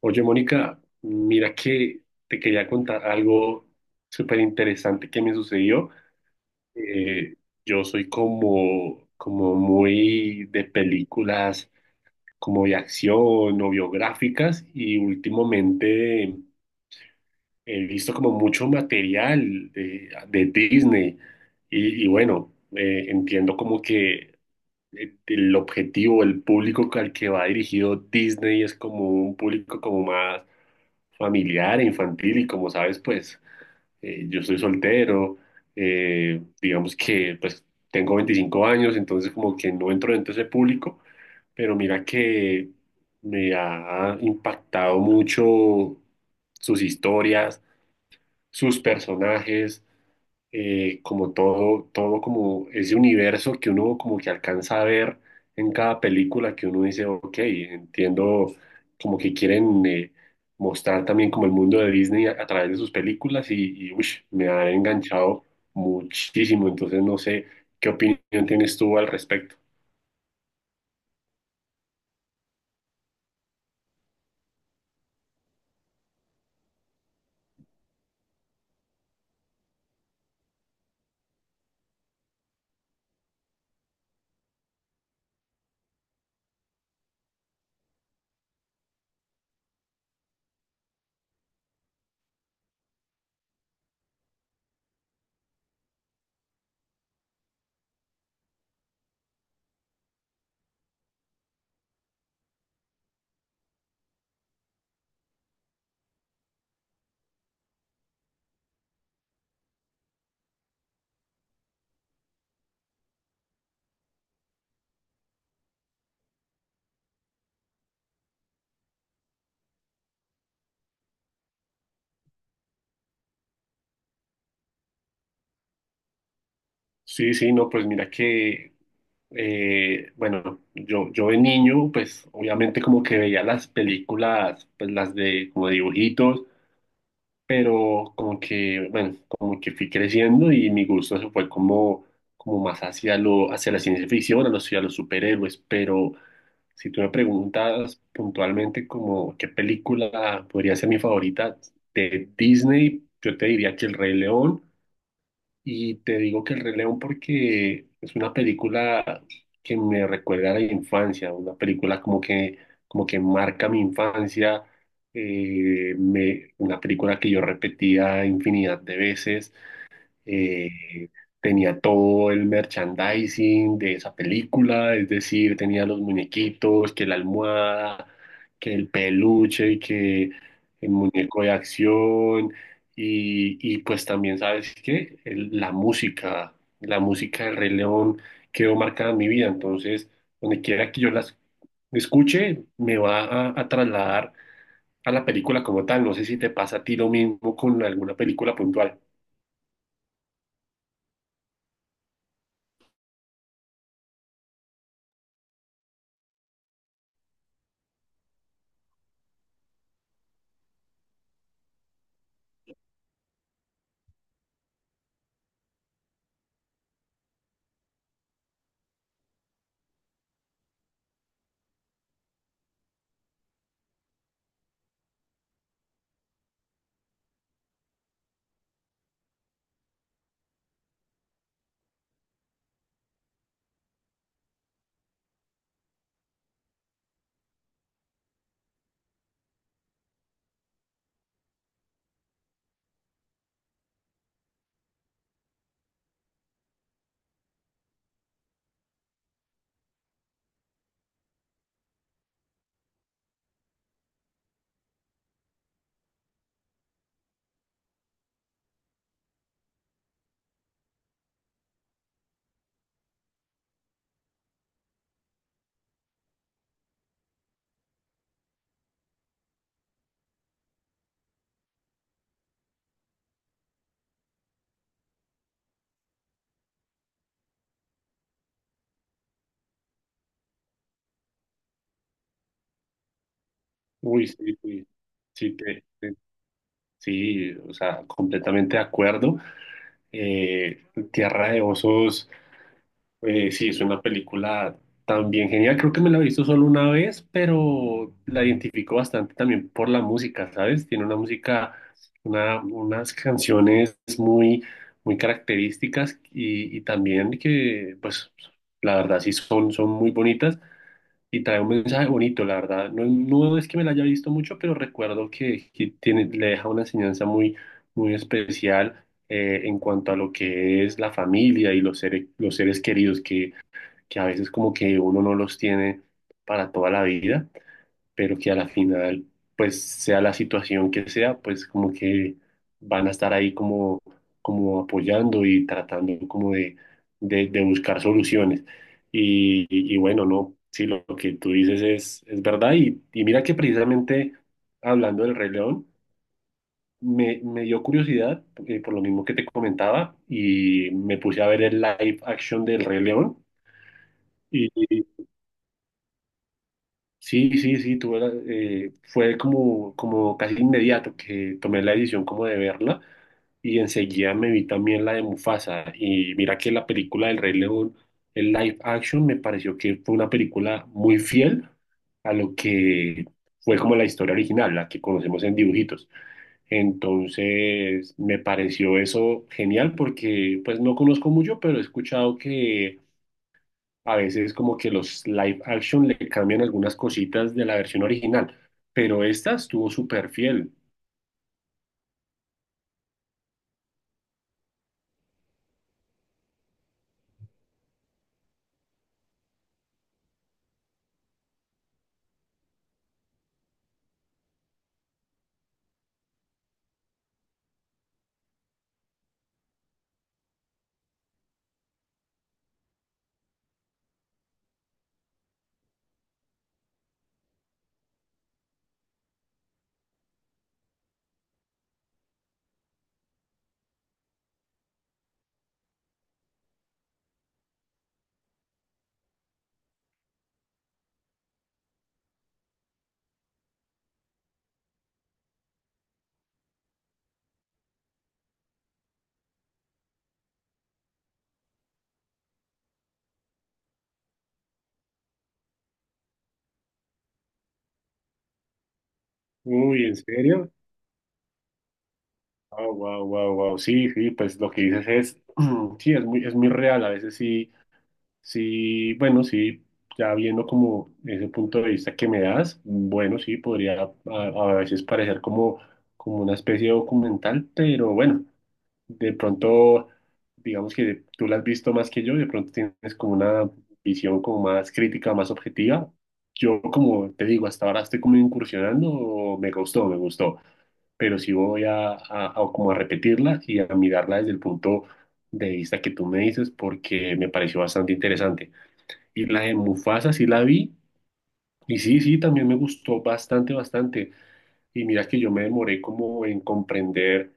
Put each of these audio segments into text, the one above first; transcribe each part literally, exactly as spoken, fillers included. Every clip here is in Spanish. Oye, Mónica, mira que te quería contar algo súper interesante que me sucedió. Eh, yo soy como, como muy de películas como de acción o biográficas, y últimamente he visto como mucho material de, de Disney y, y bueno, eh, entiendo como que eh, el objetivo, el público al que va dirigido Disney es como un público como más familiar e infantil y, como sabes, pues eh, yo soy soltero. Eh, digamos que pues tengo veinticinco años, entonces como que no entro dentro de ese público, pero mira que me ha impactado mucho sus historias, sus personajes, eh, como todo, todo como ese universo que uno como que alcanza a ver en cada película, que uno dice, ok, entiendo como que quieren eh, mostrar también como el mundo de Disney a, a través de sus películas y, y, uish, me ha enganchado muchísimo. Entonces no sé qué opinión tienes tú al respecto. Sí, sí, no, pues mira que, eh, bueno, yo, yo de niño, pues obviamente como que veía las películas, pues las de como dibujitos, pero como que, bueno, como que fui creciendo y mi gusto se fue como, como más hacia lo, hacia la ciencia ficción, a los, a los superhéroes. Pero si tú me preguntas puntualmente como qué película podría ser mi favorita de Disney, yo te diría que El Rey León. Y te digo que El Rey León porque es una película que me recuerda a la infancia, una película como que, como que marca mi infancia. Eh, me- una película que yo repetía infinidad de veces. eh, Tenía todo el merchandising de esa película, es decir, tenía los muñequitos, que la almohada, que el peluche, que el muñeco de acción. Y, y pues también, ¿sabes qué? El- la música, la música del Rey León quedó marcada en mi vida. Entonces, donde quiera que yo las escuche, me va a a trasladar a la película como tal. No sé si te pasa a ti lo mismo con alguna película puntual. Uy, sí, sí, sí, te- te- sí, o sea, completamente de acuerdo. Eh, Tierra de Osos, eh, sí, es una película también genial. Creo que me la he visto solo una vez, pero la identifico bastante también por la música, ¿sabes? Tiene una música, una, unas canciones muy, muy características, y, y también que, pues, la verdad sí son, son muy bonitas. Y trae un mensaje bonito, la verdad. No, no es que me la haya visto mucho, pero recuerdo que, que tiene, le deja una enseñanza muy, muy especial eh, en cuanto a lo que es la familia y los seres, los seres queridos que, que a veces como que uno no los tiene para toda la vida, pero que a la final, pues sea la situación que sea, pues como que van a estar ahí como, como apoyando y tratando como de, de, de buscar soluciones. Y, y- y bueno, no, sí, lo que tú dices es, es verdad. Y, y mira que precisamente hablando del Rey León, me, me dio curiosidad, eh, por lo mismo que te comentaba, y me puse a ver el live action del Rey León. Sí, sí, sí, tuve la- eh, fue como, como casi inmediato que tomé la decisión como de verla, y enseguida me vi también la de Mufasa. Y mira que la película del Rey León, el live action, me pareció que fue una película muy fiel a lo que fue como la historia original, la que conocemos en dibujitos. Entonces me pareció eso genial, porque pues no conozco mucho, pero he escuchado a veces como que los live action le cambian algunas cositas de la versión original, pero esta estuvo súper fiel. Uy, ¿en serio? Wow, wow, wow, wow. Sí, sí, pues lo que dices es, sí, es muy, es muy real. A veces sí, sí, bueno, sí, ya viendo como ese punto de vista que me das, bueno, sí, podría a, a veces parecer como, como una especie de documental, pero bueno. De pronto, digamos que tú la has visto más que yo, de pronto tienes como una visión como más crítica, más objetiva. Yo, como te digo, hasta ahora estoy como incursionando, me gustó, me gustó, pero sí voy a, a- a como a repetirla y a mirarla desde el punto de vista que tú me dices, porque me pareció bastante interesante. Y la de Mufasa sí la vi, y sí, sí, también me gustó bastante, bastante. Y mira que yo me demoré como en comprender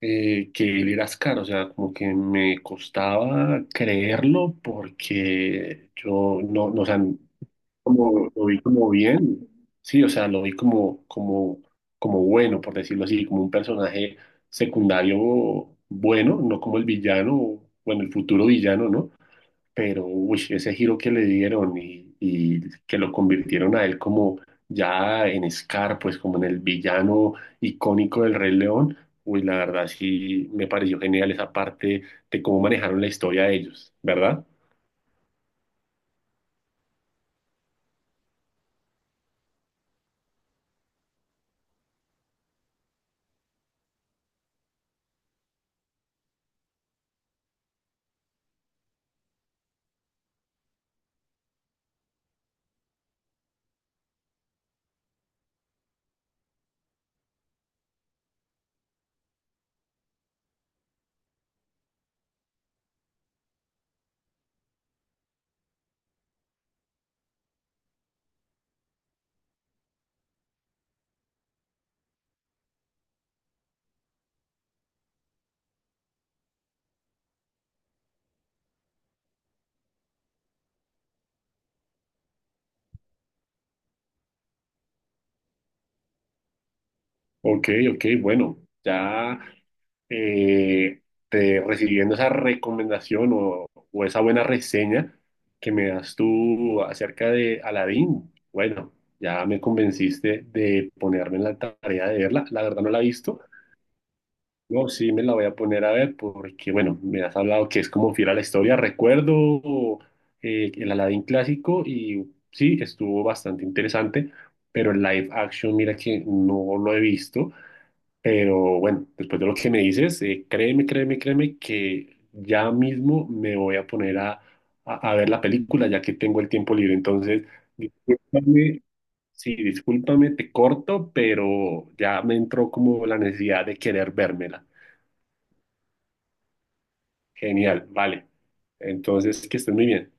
eh, que él era Ascar, o sea, como que me costaba creerlo porque yo no, no, o sea, como, lo vi como bien, sí, o sea, lo vi como, como, como bueno, por decirlo así, como un personaje secundario bueno, no como el villano, bueno, el futuro villano, ¿no? Pero uy, ese giro que le dieron, y, y que lo convirtieron a él como ya en Scar, pues como en el villano icónico del Rey León, uy, la verdad sí me pareció genial esa parte de cómo manejaron la historia de ellos, ¿verdad? Ok, ok, bueno, ya eh, te, recibiendo esa recomendación o, o esa buena reseña que me das tú acerca de Aladdin, bueno, ya me convenciste de ponerme en la tarea de verla. La verdad no la he visto. No, sí me la voy a poner a ver porque, bueno, me has hablado que es como fiel a la historia. Recuerdo eh, el Aladdin clásico, y sí, estuvo bastante interesante, pero el live action, mira que no lo he visto. Pero bueno, después de lo que me dices, eh, créeme, créeme, créeme que ya mismo me voy a poner a, a- a ver la película ya que tengo el tiempo libre. Entonces, discúlpame, sí, discúlpame, te corto, pero ya me entró como la necesidad de querer vérmela. Genial, vale. Entonces, que estés muy bien.